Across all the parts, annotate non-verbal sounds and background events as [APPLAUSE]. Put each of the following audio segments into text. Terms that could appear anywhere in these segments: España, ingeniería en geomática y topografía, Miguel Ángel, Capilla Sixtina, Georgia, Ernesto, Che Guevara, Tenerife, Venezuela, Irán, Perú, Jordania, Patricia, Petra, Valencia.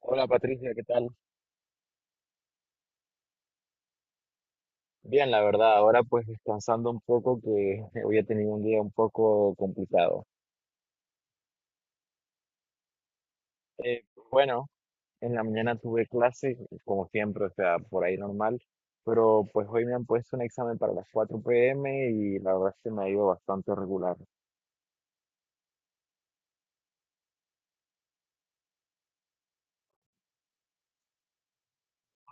Hola Patricia, ¿qué tal? Bien, la verdad, ahora pues descansando un poco que [LAUGHS] hoy he tenido un día un poco complicado. Eh, bueno, en la mañana tuve clase, como siempre, o sea, por ahí normal, pero pues hoy me han puesto un examen para las 4 p.m. y la verdad se me ha ido bastante regular.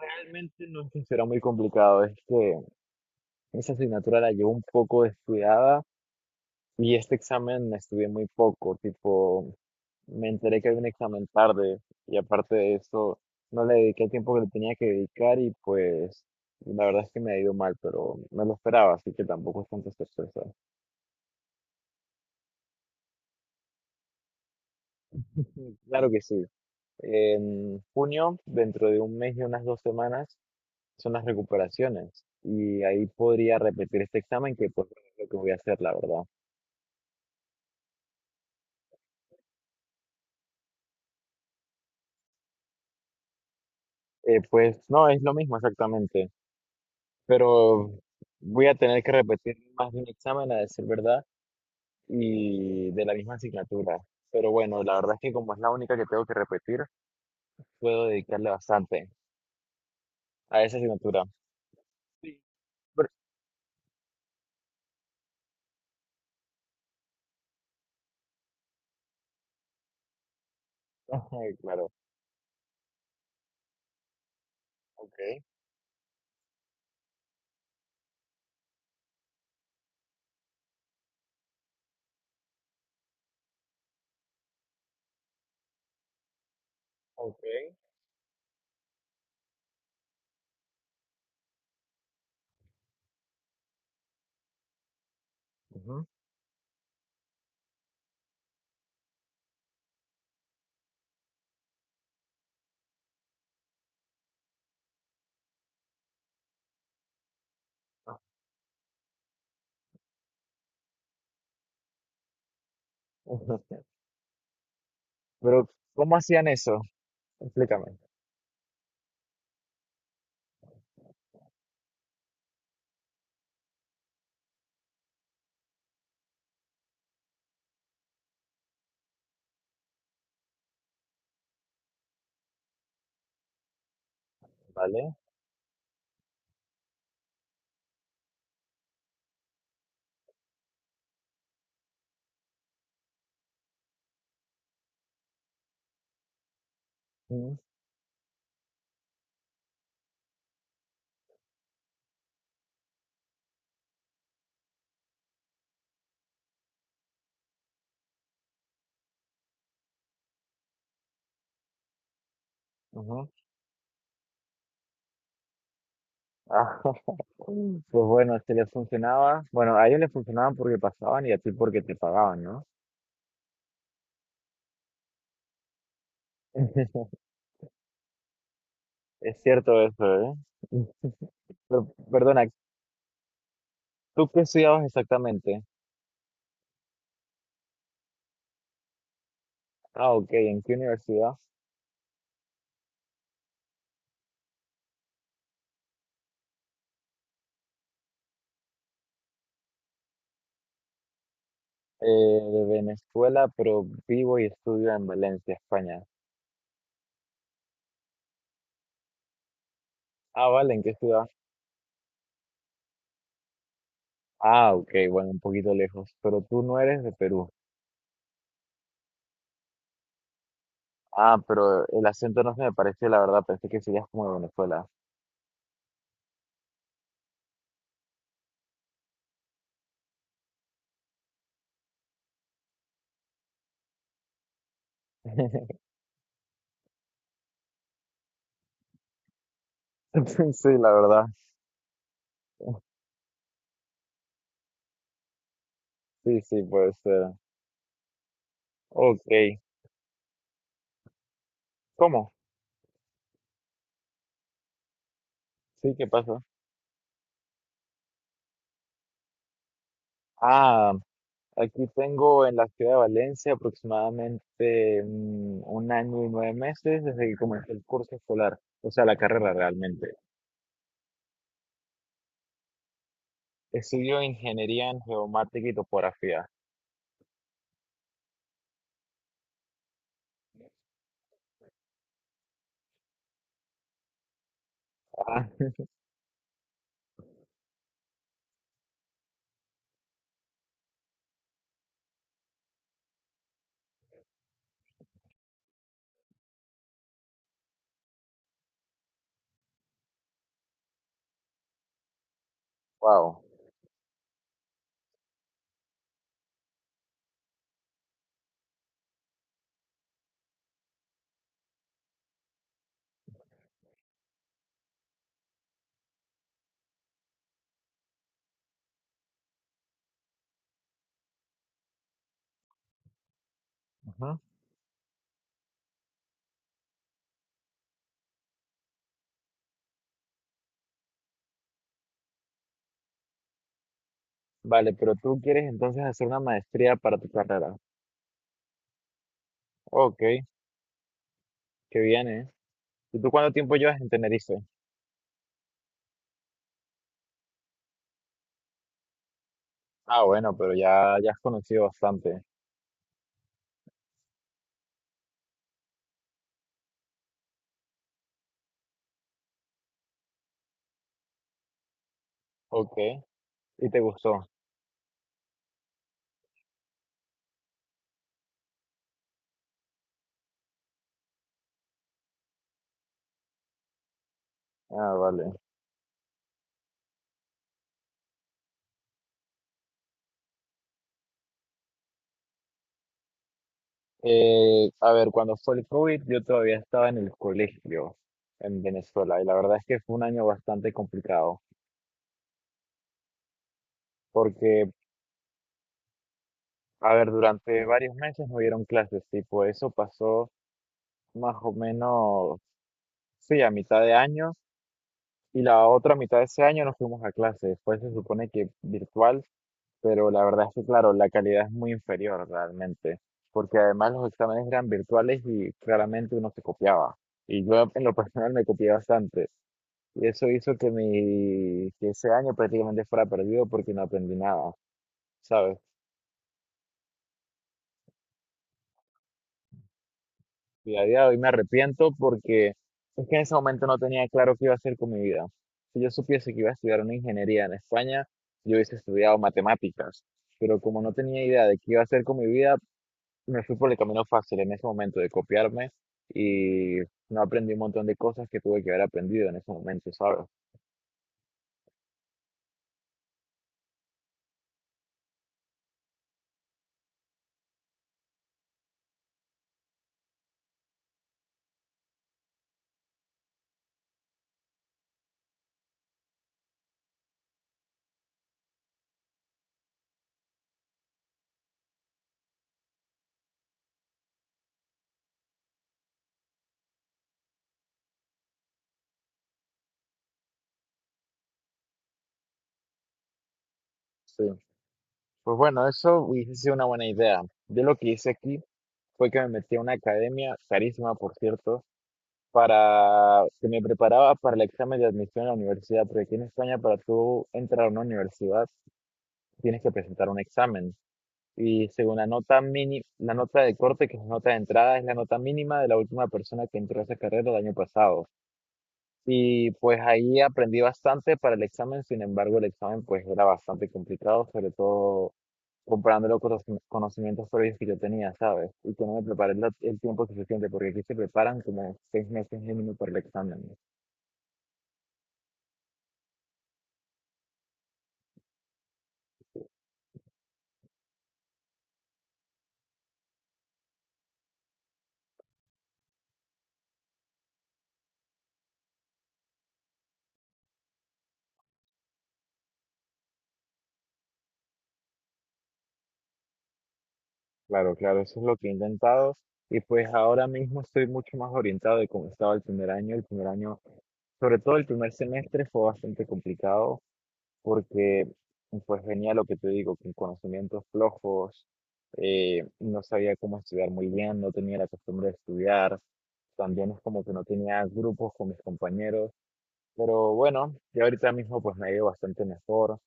Realmente no es que será muy complicado, es que esa asignatura la llevo un poco descuidada. Y este examen estudié muy poco, tipo, me enteré que había un examen tarde y aparte de eso, no le dediqué el tiempo que le tenía que dedicar y pues la verdad es que me ha ido mal, pero me lo esperaba, así que tampoco es tanta sorpresa. Claro que sí. En junio, dentro de un mes y unas dos semanas, son las recuperaciones y ahí podría repetir este examen que pues es lo que voy a hacer, la verdad. Pues no, es lo mismo exactamente. Pero voy a tener que repetir más de un examen, a decir verdad, y de la misma asignatura. Pero bueno, la verdad es que como es la única que tengo que repetir, puedo dedicarle bastante a esa asignatura. Sí. Pero- [LAUGHS] Claro, ok, ok. Ujú, [LAUGHS] pero, ¿cómo hacían eso? Explícame. ¿Vale? Ujú, ujú. Ah, [LAUGHS] pues bueno, se les funcionaba. Bueno, a ellos les funcionaban porque pasaban y a ti porque te pagaban, ¿no? [LAUGHS] Es cierto eso, ¿eh? [LAUGHS] Pero, perdona, ¿tú qué estudiabas exactamente? Ah, ok, ¿en qué universidad? De Venezuela, pero vivo y estudio en Valencia, España. Ah, vale, ¿en qué ciudad? Ah, ok, bueno, un poquito lejos, pero tú no eres de Perú. Ah, pero el acento no se me pareció, la verdad, pensé que serías como de Venezuela. [LAUGHS] Sí, la verdad. Sí, sí, puede ser. Ok, ¿cómo? Sí, ¿qué pasa? Ah, aquí tengo en la ciudad de Valencia aproximadamente 1 año y 9 meses desde que comencé el curso escolar, o sea, la carrera realmente. Estudio ingeniería en geomática y topografía. Ah, [LAUGHS] wow. Ajá. Vale, pero tú quieres entonces hacer una maestría para tu carrera. Ok, qué bien, ¿eh? ¿Y tú cuánto tiempo llevas en Tenerife? Ah, bueno, pero ya, ya has conocido bastante. Ok, ¿y te gustó? Ah, vale. A ver, cuando fue el COVID, yo todavía estaba en el colegio en Venezuela y la verdad es que fue un año bastante complicado porque, a ver, durante varios meses no hubieron clases, tipo, eso pasó más o menos, sí, a mitad de año y la otra mitad de ese año nos fuimos a clase. Después se supone que virtual, pero la verdad es que, claro, la calidad es muy inferior realmente porque además los exámenes eran virtuales y claramente uno se copiaba. Y yo en lo personal me copié bastante. Y eso hizo que, mi, que ese año prácticamente fuera perdido porque no aprendí nada, ¿sabes? Y a día de hoy me arrepiento porque es que en ese momento no tenía claro qué iba a hacer con mi vida. Si yo supiese que iba a estudiar una ingeniería en España, yo hubiese estudiado matemáticas. Pero como no tenía idea de qué iba a hacer con mi vida, me fui por el camino fácil en ese momento de copiarme y no aprendí un montón de cosas que tuve que haber aprendido en ese momento, ¿sabes? Sí. Pues bueno, eso hubiese sido una buena idea. Yo lo que hice aquí fue que me metí a una academia, carísima por cierto, para que me preparaba para el examen de admisión a la universidad, porque aquí en España para tú entrar a una universidad tienes que presentar un examen. Y según la nota mini, la nota de corte, que es la nota de entrada, es la nota mínima de la última persona que entró a esa carrera el año pasado. Y pues ahí aprendí bastante para el examen, sin embargo el examen pues era bastante complicado, sobre todo comparándolo con los conocimientos previos que yo tenía, ¿sabes? Y que no me preparé el tiempo suficiente, porque aquí se preparan como 6 meses mínimo para el examen. Claro, claro, eso es lo que he intentado. Y pues ahora mismo estoy mucho más orientado de cómo estaba el primer año. El primer año, sobre todo el primer semestre, fue bastante complicado porque pues venía lo que te digo, con conocimientos flojos, no sabía cómo estudiar muy bien, no tenía la costumbre de estudiar, también es como que no tenía grupos con mis compañeros. Pero bueno, yo ahorita mismo pues me he ido bastante mejor,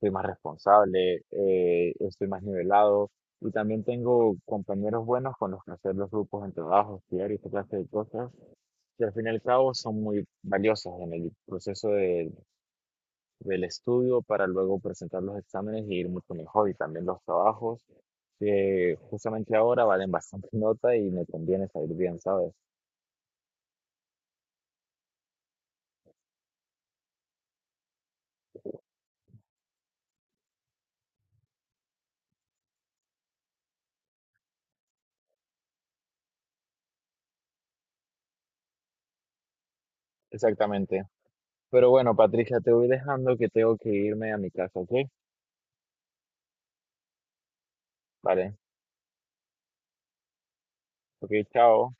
soy más responsable, estoy más nivelado y también tengo compañeros buenos con los que hacer los grupos en trabajos, estudiar y esta clase de cosas que al fin y al cabo son muy valiosas en el proceso de- del estudio para luego presentar los exámenes y ir mucho mejor y también los trabajos que justamente ahora valen bastante [LAUGHS] nota y me conviene salir bien, ¿sabes? Exactamente. Pero bueno, Patricia, te voy dejando que tengo que irme a mi casa, ¿ok? Vale, ok, chao.